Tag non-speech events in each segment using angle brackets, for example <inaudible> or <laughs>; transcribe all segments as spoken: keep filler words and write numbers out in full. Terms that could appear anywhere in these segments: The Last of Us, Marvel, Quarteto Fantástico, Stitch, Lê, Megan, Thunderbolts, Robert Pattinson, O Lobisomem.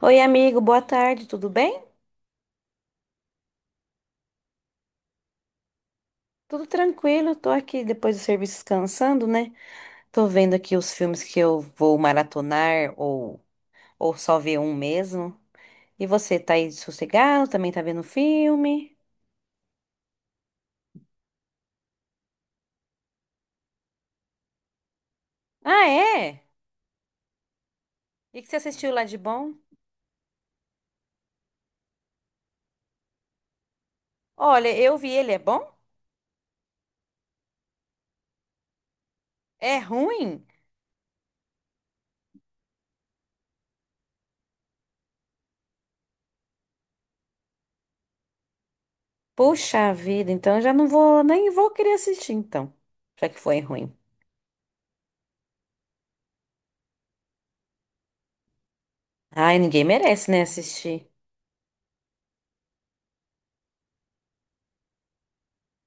Oi, amigo, boa tarde, tudo bem? Tudo tranquilo, tô aqui depois do serviço descansando, né? Tô vendo aqui os filmes que eu vou maratonar ou, ou só ver um mesmo. E você, tá aí sossegado? Também tá vendo filme? Ah, é? E que você assistiu lá de bom? Olha, eu vi ele, é bom? É ruim? Puxa vida, então eu já não vou, nem vou querer assistir então, já que foi ruim. Ai, ninguém merece, né, assistir.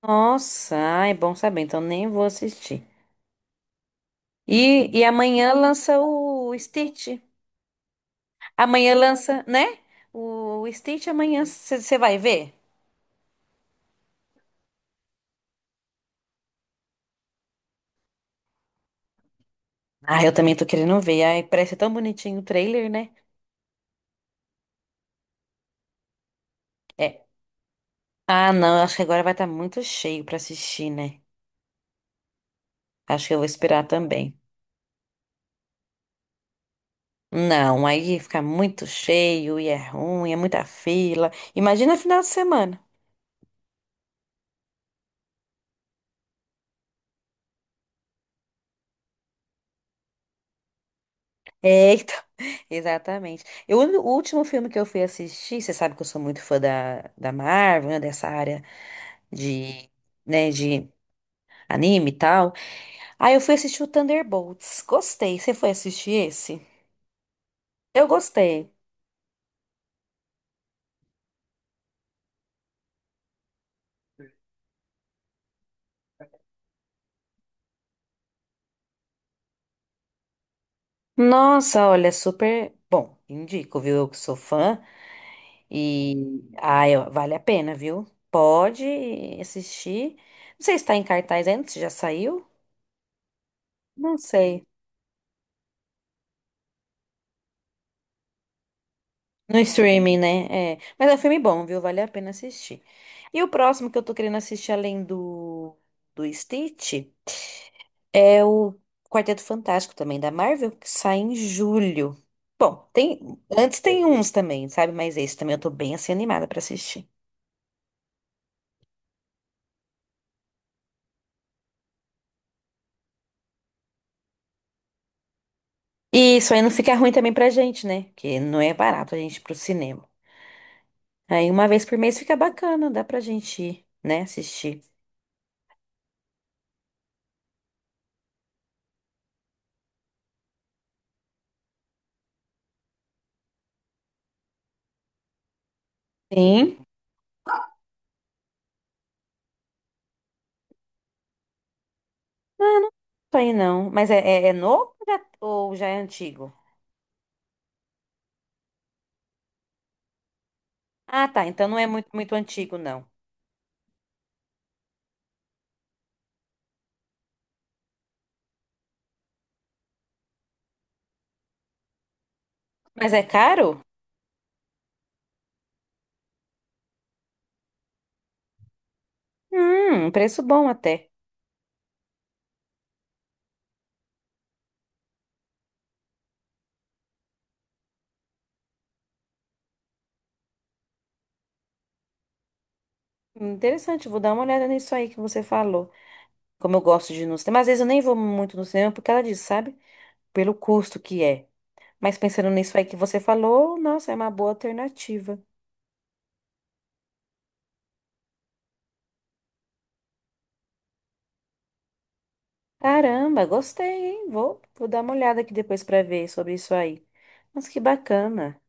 Nossa, ai, é bom saber, então nem vou assistir. E, e amanhã lança o Stitch. Amanhã lança, né? O Stitch amanhã você vai ver? Ah, eu também tô querendo ver. Ai, parece tão bonitinho o trailer, né? É. Ah, não, acho que agora vai estar muito cheio pra assistir, né? Acho que eu vou esperar também. Não, aí fica muito cheio e é ruim, é muita fila. Imagina final de semana. É, então, <laughs> exatamente. Eu, o último filme que eu fui assistir, você sabe que eu sou muito fã da, da Marvel, né, dessa área de, né, de anime e tal. Aí eu fui assistir o Thunderbolts. Gostei. Você foi assistir esse? Eu gostei. Nossa, olha, super bom. Indico, viu? Eu que sou fã e ah ó, vale a pena, viu? Pode assistir. Não sei se tá em cartaz ainda, se já saiu. Não sei. No streaming, né? É. Mas é um filme bom, viu? Vale a pena assistir. E o próximo que eu tô querendo assistir além do, do Stitch é o Quarteto Fantástico também da Marvel, que sai em julho. Bom, tem, antes tem uns também, sabe? Mas esse também eu tô bem assim animada pra assistir. E isso aí não fica ruim também pra gente, né? Que não é barato a gente ir pro cinema. Aí uma vez por mês fica bacana, dá pra gente ir, né? Assistir. Sim. Ah, não sei não. Mas é, é, é novo ou já, ou já é antigo? Ah, tá. Então não é muito, muito antigo, não. Mas é caro? Hum, preço bom até. Interessante, vou dar uma olhada nisso aí que você falou. Como eu gosto de ir no cinema, às vezes eu nem vou muito no cinema por causa disso, sabe? Pelo custo que é. Mas pensando nisso aí que você falou, nossa, é uma boa alternativa. Caramba, gostei, hein? Vou, vou dar uma olhada aqui depois pra ver sobre isso aí. Mas que bacana.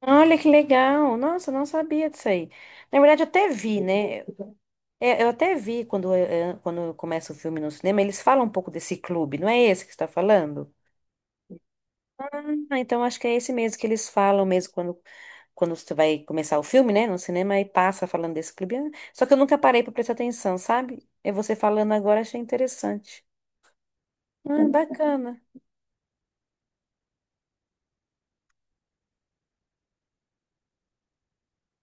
Olha que legal. Nossa, eu não sabia disso aí. Na verdade, eu até vi, né? É, eu até vi quando, eh, quando começa o filme no cinema, eles falam um pouco desse clube, não é esse que você está falando? Ah, então acho que é esse mesmo que eles falam mesmo quando quando você vai começar o filme, né, no cinema, e passa falando desse clube. Ah, só que eu nunca parei pra prestar atenção, sabe? É você falando agora, achei interessante. Ah, bacana.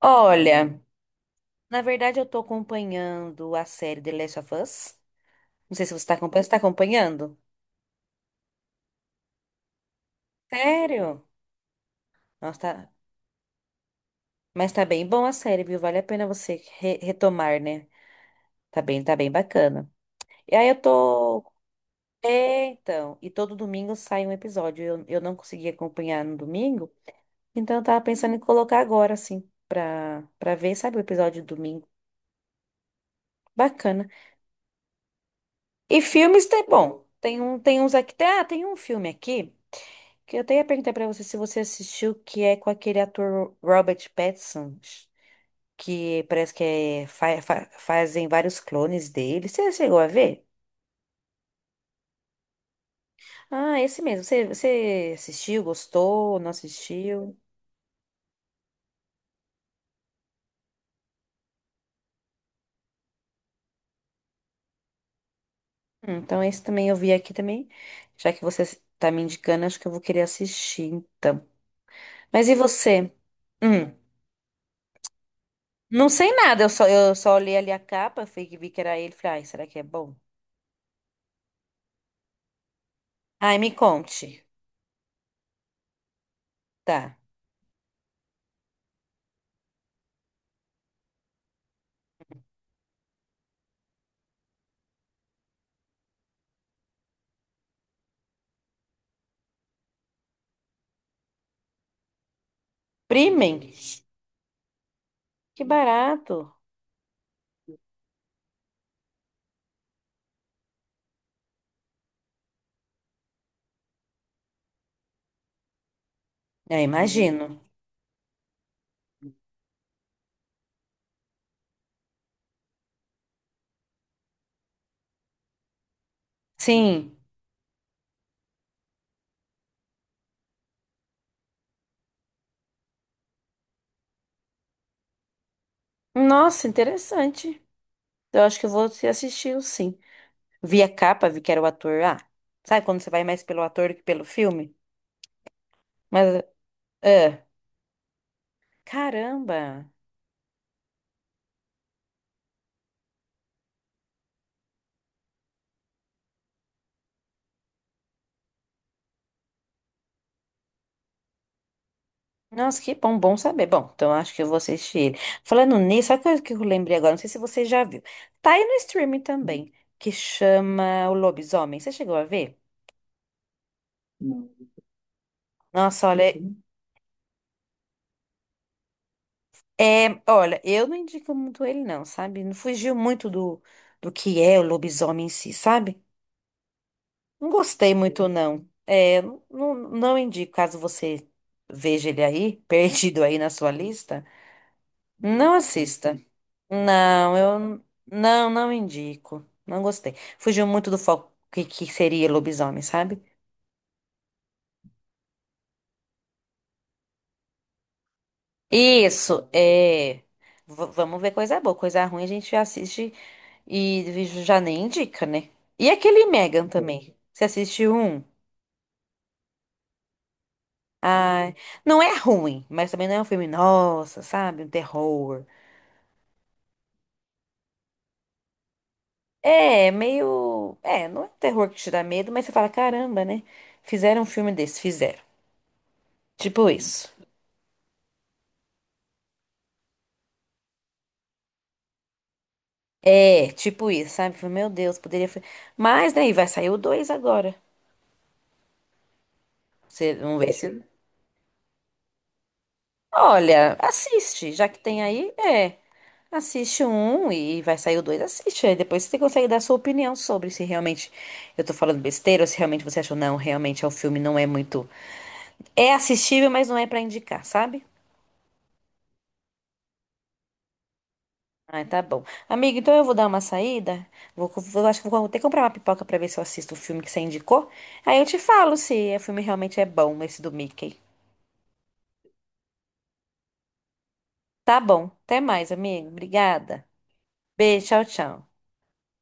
Olha, na verdade eu tô acompanhando a série The Last of Us. Não sei se você tá acompanhando. Você tá acompanhando? Sério? Nossa, tá... Mas tá bem bom a série, viu? Vale a pena você re- retomar, né? Tá bem, tá bem bacana. E aí eu tô... É, então, e todo domingo sai um episódio. Eu, eu não consegui acompanhar no domingo, então eu tava pensando em colocar agora, assim, pra, pra ver, sabe, o episódio de domingo. Bacana. E filmes tem, bom, tem um, tem uns aqui, ah, tem um filme aqui que eu até ia perguntar pra você se você assistiu, que é com aquele ator Robert Pattinson, que parece que é, fa- fa- fazem vários clones dele. Você chegou a ver? Ah, esse mesmo. Você, você assistiu, gostou, não assistiu? Hum, Então esse também eu vi aqui também. Já que você tá me indicando, acho que eu vou querer assistir, então. Mas e você? Hum. Não sei nada, eu só, eu só olhei ali a capa, fui que vi que era ele, falei, ai, será que é bom? Ai, me conte. Tá. Premium? Que barato. É, imagino. Sim. Nossa, interessante. Eu acho que eu vou assistir o sim. Vi a capa, vi que era o ator. Ah, sabe quando você vai mais pelo ator do que pelo filme? Mas, é. Caramba. Nossa, que bom, bom saber. Bom, então acho que eu vou assistir ele. Falando nisso, sabe o que eu lembrei agora? Não sei se você já viu. Tá aí no streaming também, que chama O Lobisomem. Você chegou a ver? Nossa, olha, uhum. É, olha, eu não indico muito ele não, sabe? Não fugiu muito do, do que é o lobisomem em si, sabe? Não gostei muito não. É, não, não não indico, caso você veja ele aí, <laughs> perdido aí na sua lista, não assista. Não, eu n- não, não indico. Não gostei. Fugiu muito do foco que, que seria lobisomem, sabe? Isso, é. V- vamos ver coisa boa. Coisa ruim a gente assiste e já nem indica, né? E aquele Megan também. Você assistiu um? Ai, não é ruim, mas também não é um filme, nossa, sabe? Um terror. É, meio. É, não é um terror que te dá medo, mas você fala, caramba, né? Fizeram um filme desse, fizeram. Tipo isso. É, tipo isso, sabe? Falei, Meu Deus, poderia. fa- Mas, né, e vai sair o dois agora. Você, vamos ver se. Olha, assiste, já que tem aí, é. Assiste um e vai sair o dois, assiste. Aí depois você consegue dar sua opinião sobre se realmente eu tô falando besteira ou se realmente você achou, não, realmente é o filme não é muito. É assistível, mas não é pra indicar, sabe? Ah, tá bom. Amigo, então eu vou dar uma saída. Vou, co- vou- acho que vou até comprar uma pipoca pra ver se eu assisto o filme que você indicou. Aí eu te falo se o filme realmente é bom, esse do Mickey. Tá bom. Até mais, amigo. Obrigada. Beijo, tchau, tchau.